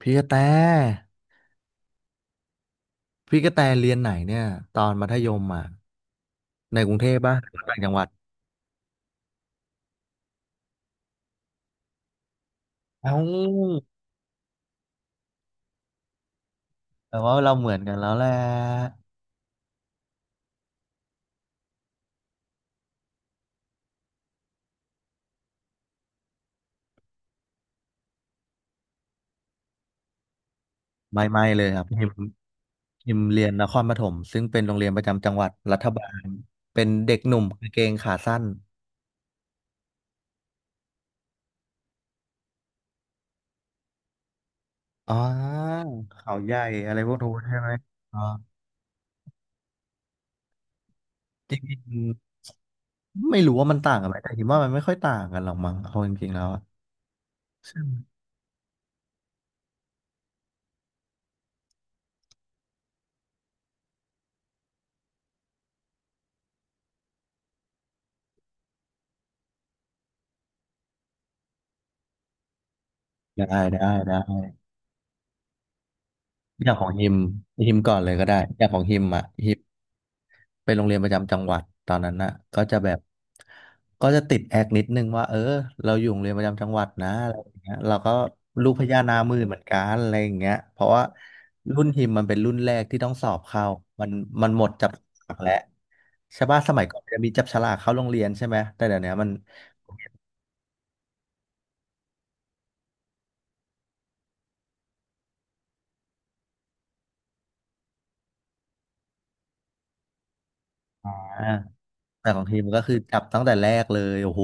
พี่กระแตพี่กระแตเรียนไหนเนี่ยตอนมัธยมอ่ะในกรุงเทพป่ะหรือต่างจังหวัดเอ้าแต่ว่าเราเหมือนกันแล้วแหละไม่เลยครับพิมเรียนนครปฐมซึ่งเป็นโรงเรียนประจำจังหวัดรัฐบาลเป็นเด็กหนุ่มกางเกงขาสั้นอ๋อเขาใหญ่อะไรพวกนู้นใช่ไหมอ๋อจริงๆไม่รู้ว่ามันต่างกันไหมแต่คิดว่ามันไม่ค่อยต่างกันหรอกมั้งเอาจริงๆแล้วอะใช่ไหมได้ได้ได้ อย่างของฮิมฮิมก่อนเลยก็ได้อย่างของฮิมอ่ะฮิมไปโรงเรียนประจำจังหวัดตอนนั้นน่ะก็จะแบบก็จะติดแอกนิดนึงว่าเออเราอยู่โรงเรียนประจำจังหวัดนะอะไรอย่างเงี้ยเราก็ลูกพญานาคมือเหมือนกันอะไรอย่างเงี้ยเพราะว่ารุ่นฮิมมันเป็นรุ่นแรกที่ต้องสอบเข้ามันมันหมดจับฉลากแล้วใช่ป่ะสมัยก่อนมันจะมีจับฉลากเข้าโรงเรียนใช่ไหมแต่เดี๋ยวนี้มันอ่า แต่ของทีมก็คือจับตั้งแต่แรกเลยโอ้โห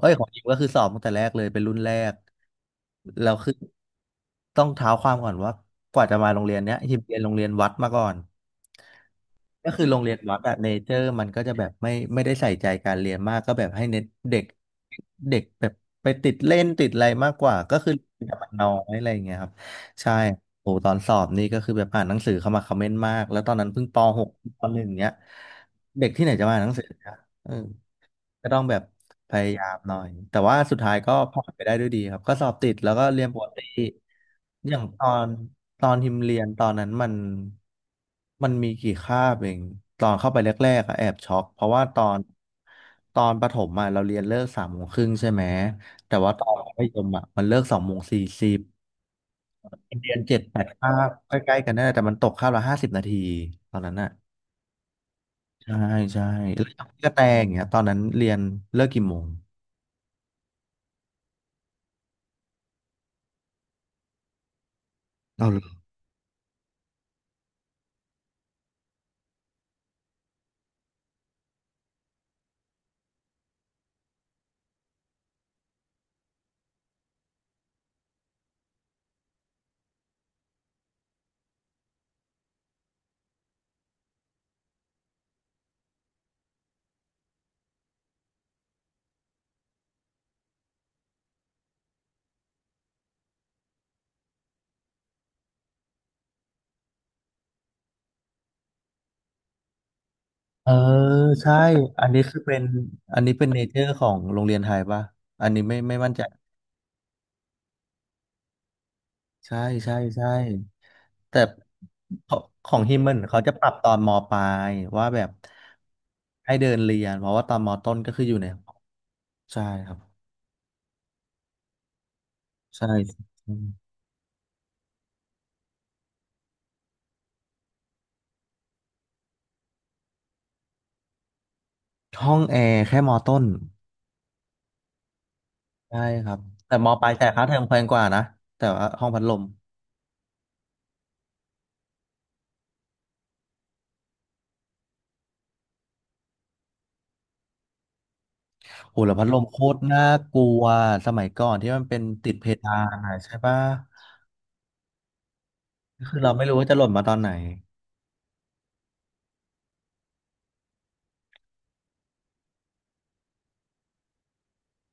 เอ้ยของทีมก็คือสอบตั้งแต่แรกเลยเป็นรุ่นแรกแล้วคือต้องเท้าความก่อนว่ากว่าจะมาโรงเรียนเนี้ยทีมเรียนโรงเรียนวัดมาก่อนก็คือโรงเรียนวัดอะเนเจอร์มันก็จะแบบไม่ได้ใส่ใจการเรียนมากก็แบบให้เน้นเด็กเด็กแบบไปติดเล่นติดอะไรมากกว่าก็คือแต่มันน้อยอะไรอย่างเงี้ยครับใช่โอ้ตอนสอบนี่ก็คือแบบอ่านหนังสือเข้ามาคอมเมนต์มากแล้วตอนนั้นเพิ่งปหกปหนึ่งเนี้ย เด็กที่ไหนจะมาอ่านหนังสือนะเออก็ต้องแบบพยายามหน่อย แต่ว่าสุดท้ายก็ผ่านไปได้ด้วยดีครับก็สอบติดแล้วก็เรียนปกติอย่างตอนทิมเรียนตอนนั้นมันมีกี่คาบเองตอนเข้าไปแรกๆอะแอบช็อกเพราะว่าตอนประถมอะเราเรียนเลิกสามโมงครึ่งใช่ไหม แต่ว่าตอนมัธยมอะมันเลิกสองโมงสี่สิบเรียนเจ็ดแปดคาบใกล้ๆกันนั่นแหละแต่มันตกคาบละห้าสิบนาทีตอนนั้นอะ ใช่ใช่แล้วอย่างพี่กระแตอย่างเงี้ยตอนนั้นเรียนเลิกกี่โมงเอาเลยเออใช่อันนี้คือเป็นอันนี้เป็นเนเจอร์ของโรงเรียนไทยป่ะอันนี้ไม่มั่นใจใช่ใช่แต่ของฮิมมันเขาจะปรับตอนมปลายว่าแบบให้เดินเรียนเพราะว่าตอนมต้นก็คืออยู่ในห้องใช่ครับใช่ห้องแอร์แค่มต้นใช่ครับแต่มปลายจ่ายค่าเทอมแพงกว่านะแต่ว่าห้องพัดลม โอ้แล้วพัดลมโคตรน่ากลัวสมัยก่อนที่มันเป็นติดเพดานอะใช่ปะคือเราไม่รู้ว่าจะหล่นมาตอนไหน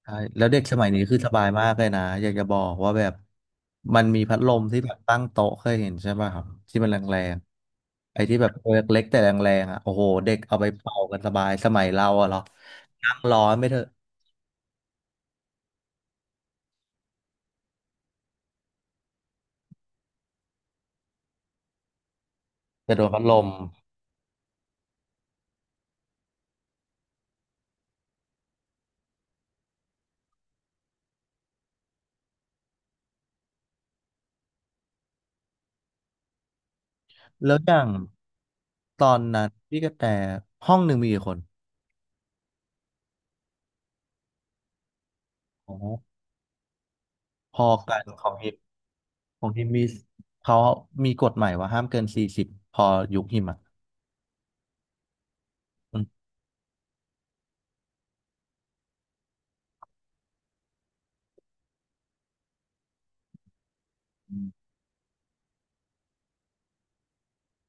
ใช่แล้วเด็กสมัยนี้คือสบายมากเลยนะอยากจะบอกว่าแบบมันมีพัดลมที่แบบตั้งโต๊ะเคยเห็นใช่ปะครับที่มันแรงๆไอ้ที่แบบตัวเล็กๆแต่แรงๆอ่ะโอ้โหเด็กเอาไปเป่ากันสบายสมัยเราอะเหรอนั่งร้อนไม่เถอะแต่โดนพัดลมแล้วอย่างตอนนั้นพี่กระแตห้องหนึ่งมีกี่คนอ๋อพอกันของฮิม ของฮิมมีเขามีกฎใหม่ว่าห้ามเกินสี่สิบพอยุคหิมอ่ะอืม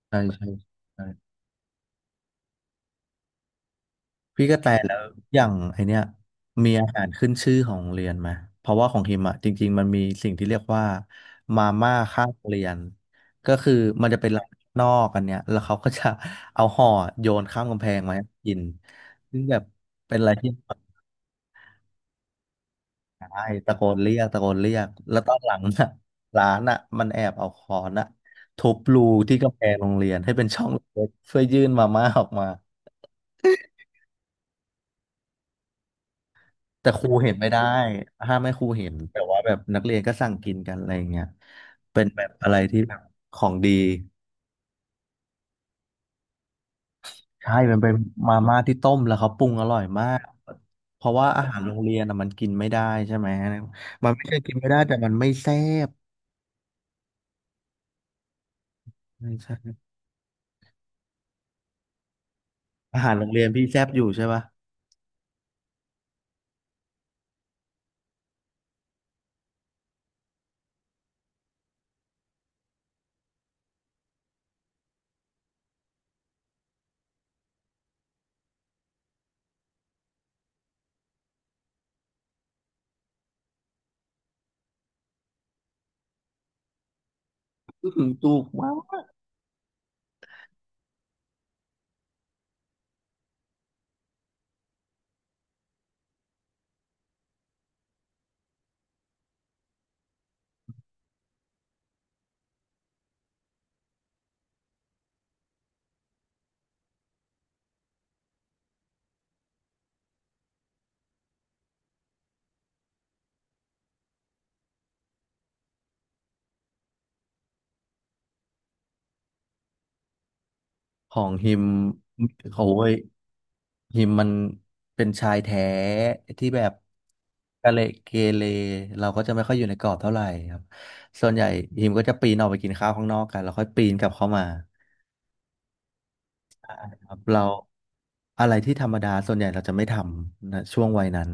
ใช่ใช่ใช่พี่กระแตแล้วอย่างไอเนี้ยมีอาหารขึ้นชื่อของโรงเรียนไหมเพราะว่าของฮิมอ่ะจริงๆมันมีสิ่งที่เรียกว่ามาม่าข้างโรงเรียนก็คือมันจะเป็นร้านนอกอันเนี้ยแล้วเขาก็จะเอาห่อโยนข้ามกำแพงมาให้กินซึ่งแบบเป็นอะไรที่ ใช่ตะโกนเรียกตะโกนเรียกแล้วตอนหลังน่ะร้านน่ะมันแอบเอาค้อนอ่ะทุบรูที่กำแพงโรงเรียนให้เป็นช่องเล็ก ๆเพื่อยื่นมาม่าออกมาแต่ครูเห็นไม่ได้ห้ามไม่ครูเห็นแต่ว่าแบบนักเรียนก็สั่งกินกันอะไรอย่างเงี้ยเป็นแบบอะไรที่แบบของดีใช่มันเป็นมาม่าที่ต้มแล้วเขาปรุงอร่อยมากเพราะว่าอาหารโรงเรียนน่ะมันกินไม่ได้ใช่ไหมมันไม่ใช่กินไม่ได้แต่มันไม่แซ่บไม่ใช่อาหารโรงเรียนพี่แซ่บอยู่ใช่ปะอื้อหือถูกมาก ของฮิมโอ้ยฮิมมันเป็นชายแท้ที่แบบกะเลเกเรเราก็จะไม่ค่อยอยู่ในกรอบเท่าไหร่ครับส่วนใหญ่ฮิมก็จะปีนออกไปกินข้าวข้างนอกกันแล้วค่อยปีนกลับเข้ามาครับเราอะไรที่ธรรมดาส่วนใหญ่เราจะไม่ทำนะช่วงวัยนั้น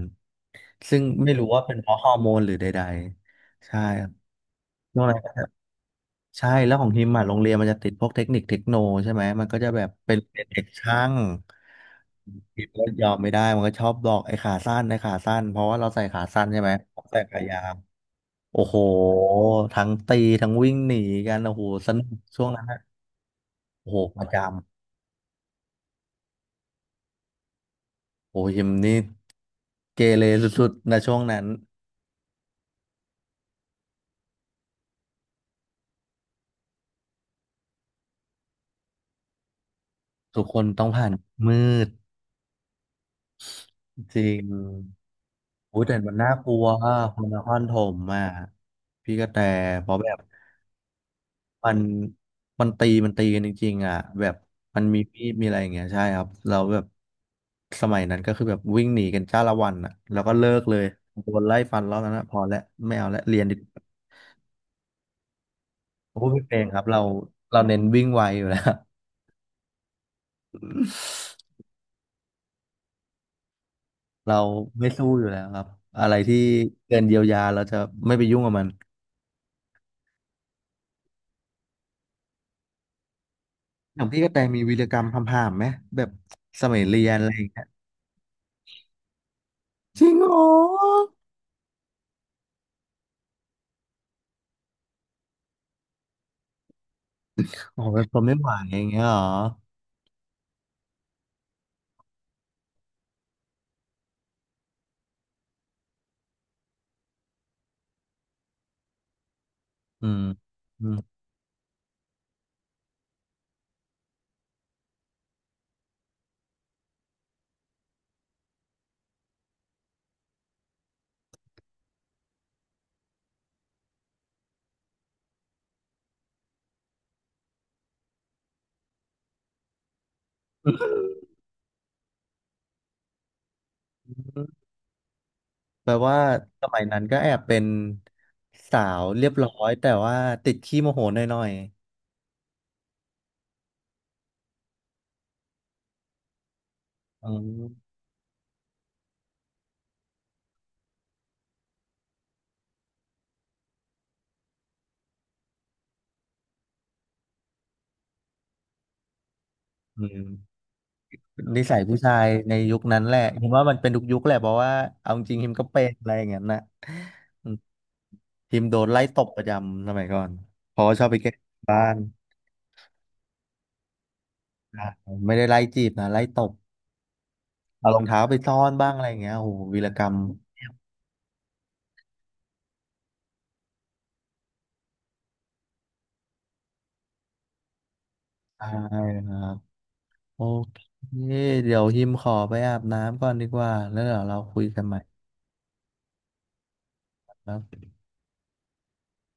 ซึ่งไม่รู้ว่าเป็นเพราะฮอร์โมนหรือใดๆใช่ครับช่วงนั้น ใช่แล้วของฮิมอ่ะโรงเรียนมันจะติดพวกเทคนิคเทคโนใช่ไหมมันก็จะแบบเป็นเด็กช่างฮิมก็ยอมไม่ได้มันก็ชอบบอกไอ้ขาสั้นไอ้ขาสั้นเพราะว่าเราใส่ขาสั้นใช่ไหมผมใส่ขายาวโอ้โหทั้งตีทั้งวิ่งหนีกันโอ้โหสนุกช่วงนั้นนะโอ้โหประจำโอ้ฮิมนี่เกเรสุดๆนะช่วงนั้นทุกคนต้องผ่านมืดจริงอุ้ยแต่มันน่ากลัวอะคนนครถมอ่ะพี่กระแตเพราะแบบ มันมันตีกันจริงๆอ่ะแบบมันมีดมีอะไรอย่างเงี้ยใช่ครับเราแบบสมัยนั้นก็คือแบบวิ่งหนีกันจ้าละวันอ่ะแล้วก็เลิกเลยโดนไล่ฟันรอบนั้นอะพอแล้วไม่เอาแล้วเรียนดีกว่าโอ้พี่เพลงครับเราเน้นวิ่งไวอยู่แล้ว เราไม่สู้อยู่แล้วครับอะไรที่เกินเยียวยาเราจะไม่ไปยุ่งกับมันอย่างพี่กระแตมีวีรกรรมทำผ่ามๆไหมแบบสมัยเรียนอะไรอย่างเงี้ยจริงเหรอโอ้โหแบบทนไม่ไหวอย่างเงี้ยเหรออืม แปลว่าสมัยนั้นก็แอบเป็นสาวเรียบร้อยแต่ว่าติดขี้โมโหหน่อยๆอืมนิสัยผู้ชายในยุคนั้นแหละผมว่ามันเป็นทุกยุคแหละเพราะว่าเอาจริงฮิมก็เป็นอะไรอย่างนั้นนะอืมฮิมโดนไล่ตบประจำสมัยก่อน เพราะว่าชอบไปแกล้งบ้านอ่าไม่ได้ไล่จีบนะไล่ตบเอารองเท้าไปซ่อนบ้างอะไรอย่างเงี้ยโอ้โหวีรกรรมใช่ครับโอเคเดี๋ยวฮิมขอไปอาบน้ำก่อนดีกว่าแล้วเดี๋ยวเราคุยกันใหม่ครับ